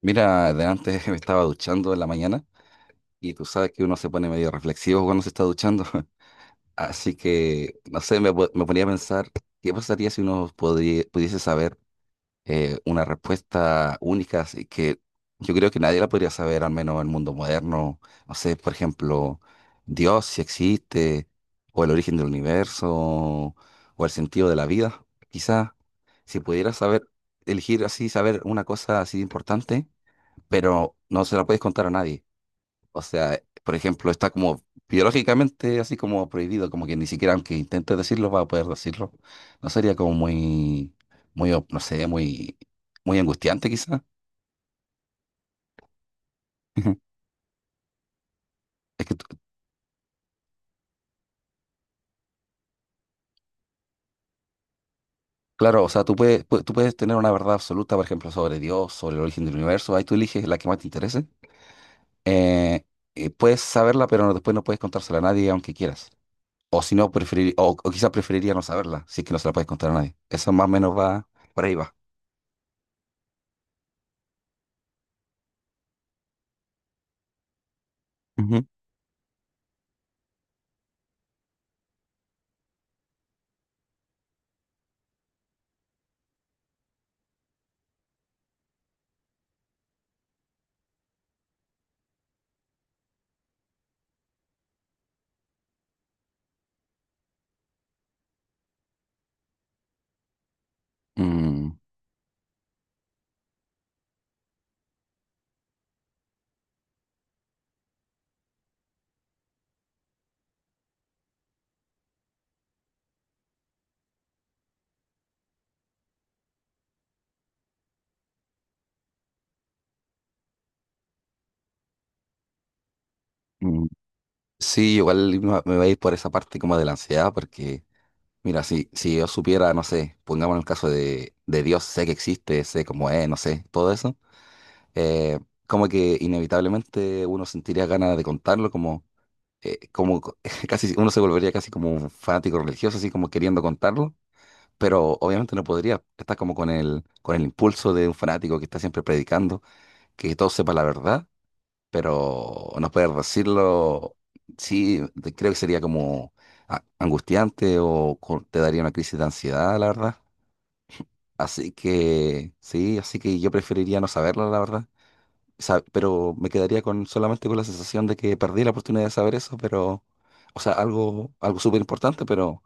Mira, de antes me estaba duchando en la mañana y tú sabes que uno se pone medio reflexivo cuando se está duchando. Así que, no sé, me ponía a pensar, ¿qué pasaría si uno pudiese saber una respuesta única así que yo creo que nadie la podría saber, al menos en el mundo moderno? No sé, por ejemplo, Dios si existe, o el origen del universo, o el sentido de la vida. Quizá si pudiera saber, elegir así, saber una cosa así importante, pero no se la puedes contar a nadie. O sea, por ejemplo, está como biológicamente así como prohibido, como que ni siquiera aunque intentes decirlo, vas a poder decirlo. No sería como muy, muy, no sé, muy, muy angustiante quizás. Es que, claro, o sea, tú puedes tener una verdad absoluta, por ejemplo, sobre Dios, sobre el origen del universo, ahí tú eliges la que más te interese. Eh, puedes saberla, pero después no puedes contársela a nadie aunque quieras. O si no, preferir, o quizás preferiría no saberla, si es que no se la puedes contar a nadie. Eso más o menos va, por ahí va. Ujú. Mm, mm. Sí, igual me va a ir por esa parte como de la ansiedad, porque mira, si yo supiera, no sé, pongamos el caso de Dios, sé que existe, sé cómo es, no sé, todo eso, eh, como que inevitablemente uno sentiría ganas de contarlo, eh, como co- casi uno se volvería casi como un fanático religioso, así como queriendo contarlo, pero obviamente no podría, estás como con el, impulso de un fanático que está siempre predicando, que todo sepa la verdad, pero no poder decirlo. Sí, creo que sería como angustiante o te daría una crisis de ansiedad, la verdad. Así que, sí, así que yo preferiría no saberlo, la verdad. Pero me quedaría con solamente con la sensación de que perdí la oportunidad de saber eso, pero, o sea, algo súper importante, pero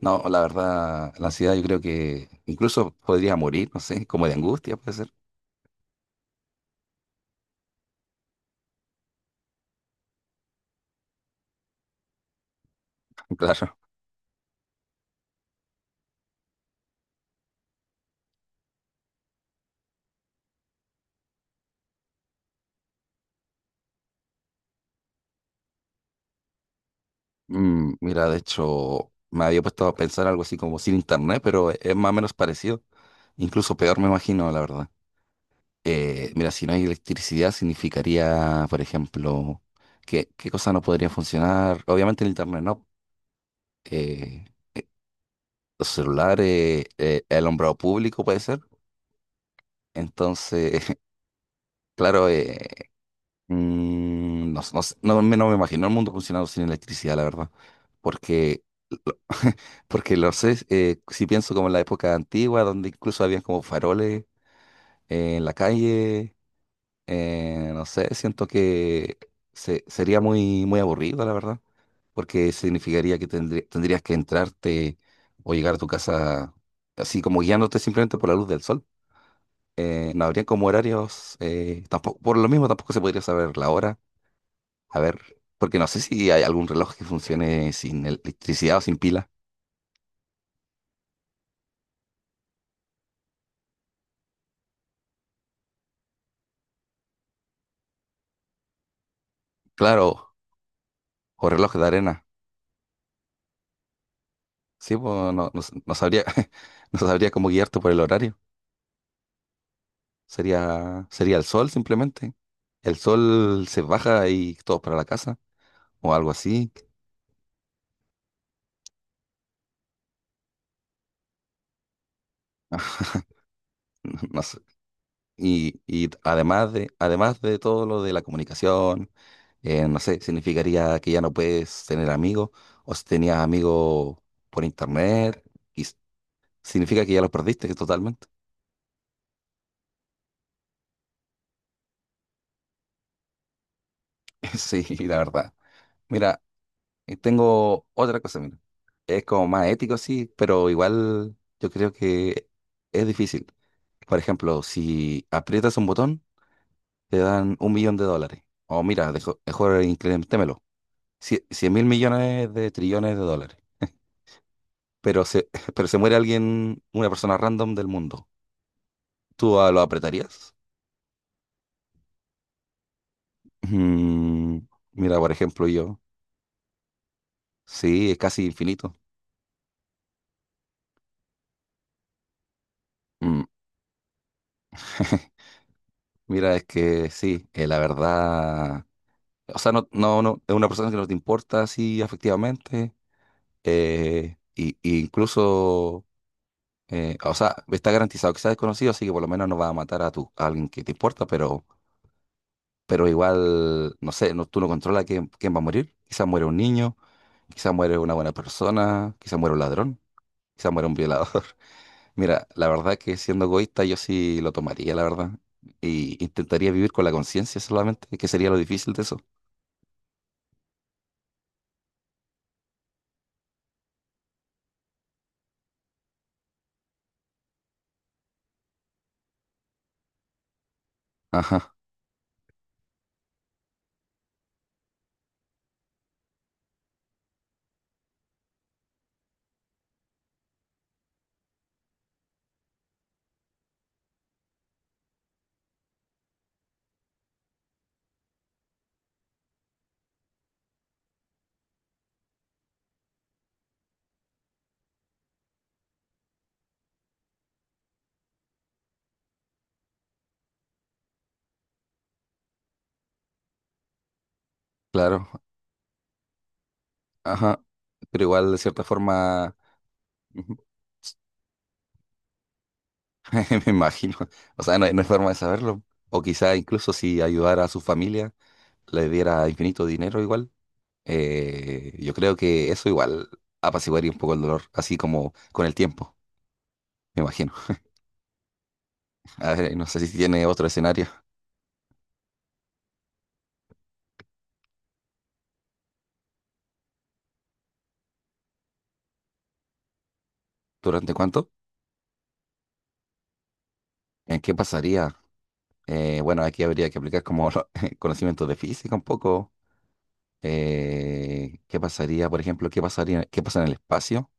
no, la verdad, la ansiedad yo creo que incluso podría morir, no sé, como de angustia, puede ser. Claro. Mira, de hecho, me había puesto a pensar algo así como sin internet, pero es más o menos parecido. Incluso peor, me imagino, la verdad. Mira, si no hay electricidad, significaría, por ejemplo, que, qué cosa no podría funcionar. Obviamente el internet no. Eh, los celulares, el alumbrado público puede ser. Entonces, claro, no me imagino el mundo funcionando sin electricidad, la verdad. Porque porque lo sé. Si pienso como en la época antigua, donde incluso habían como faroles en la calle, no sé, siento que sería muy, muy aburrido, la verdad, porque significaría que tendrías que entrarte o llegar a tu casa así como guiándote simplemente por la luz del sol. No habría como horarios, tampoco, por lo mismo tampoco se podría saber la hora, a ver, porque no sé si hay algún reloj que funcione sin electricidad o sin pila. Claro, o reloj de arena. Sí, pues no, no, no sabría, no sabría cómo guiarte por el horario. Sería el sol simplemente. El sol se baja y todos para la casa o algo así. No, no sé. Y además de, todo lo de la comunicación, no sé, significaría que ya no puedes tener amigos o si tenías amigos por internet, y significa que ya los perdiste totalmente. Sí, la verdad. Mira, y tengo otra cosa, mira. Es como más ético, sí, pero igual yo creo que es difícil. Por ejemplo, si aprietas un botón, te dan un millón de dólares. O mira, mejor incrementémelo. Cien mil millones de trillones de dólares. Pero se, pero se muere alguien, una persona random del mundo. ¿Tú lo apretarías? Mm, mira, por ejemplo, yo. Sí, es casi infinito. Mm, Mira, es que sí, la verdad. O sea, no, no, no, es una persona que no te importa así afectivamente. Y incluso, o sea, está garantizado que sea desconocido, así que por lo menos no va a matar a alguien que te importa, pero igual, no sé, no, tú no controlas quién, va a morir. Quizás muere un niño, quizás muere una buena persona, quizás muere un ladrón, quizás muere un violador. Mira, la verdad que siendo egoísta yo sí lo tomaría, la verdad. Y intentaría vivir con la conciencia solamente, que sería lo difícil de eso. Ajá, claro. Ajá, pero igual de cierta forma, ujú, me imagino, o sea, no hay forma de saberlo, o quizá incluso si ayudara a su familia, le diera infinito dinero igual, yo creo que eso igual apaciguaría un poco el dolor, así como con el tiempo, me imagino. A ver, no sé si tiene otro escenario, ¿durante cuánto? ¿En qué pasaría? Bueno, aquí habría que aplicar como conocimientos de física un poco. ¿Qué pasaría, por ejemplo, qué pasaría, qué pasa en el espacio?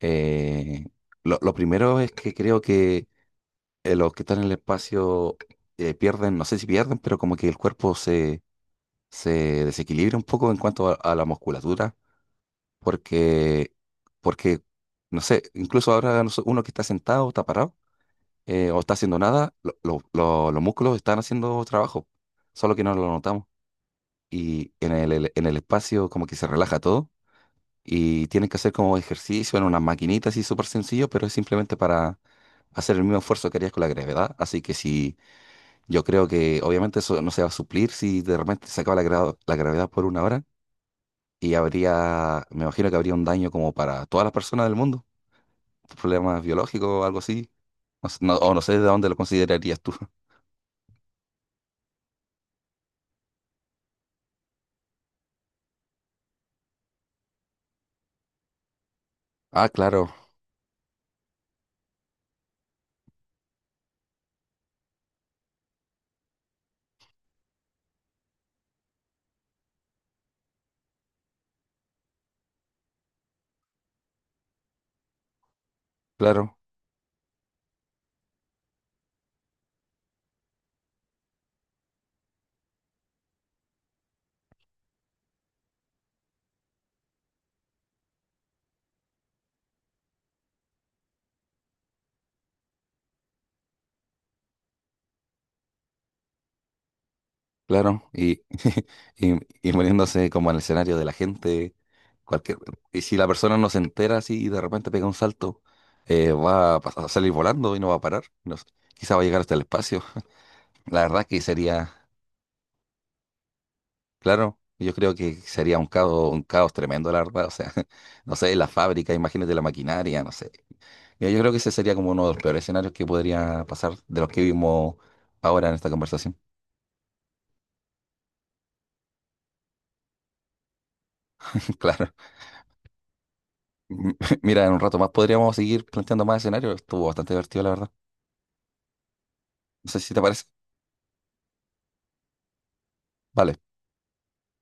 Eh, lo primero es que creo que los que están en el espacio pierden, no sé si pierden, pero como que el cuerpo se, se desequilibra un poco en cuanto a la musculatura, porque, porque, no sé, incluso ahora no sé, uno que está sentado, está parado, o está haciendo nada, los músculos están haciendo trabajo, solo que no lo notamos. Y en en el espacio como que se relaja todo y tienen que hacer como ejercicio en unas maquinitas y súper sencillo, pero es simplemente para hacer el mismo esfuerzo que harías con la gravedad. Así que si yo creo que obviamente eso no se va a suplir si de repente se acaba la gravedad por una hora, y habría, me imagino que habría un daño como para todas las personas del mundo, problemas biológicos o algo así. No sé de dónde lo considerarías tú. Ah, claro, claro. Claro, y, y poniéndose como en el escenario de la gente, cualquier, y si la persona no se entera así y de repente pega un salto, va a, a salir volando y no va a parar, no sé, quizá va a llegar hasta el espacio. La verdad que sería, claro, yo creo que sería un caos tremendo, la verdad, o sea, no sé, la fábrica, imagínate la maquinaria, no sé. Yo creo que ese sería como uno de los peores escenarios que podría pasar de los que vimos ahora en esta conversación, claro. M- Mira, en un rato más podríamos seguir planteando más escenarios. Estuvo bastante divertido, la verdad. No sé si te parece. Vale.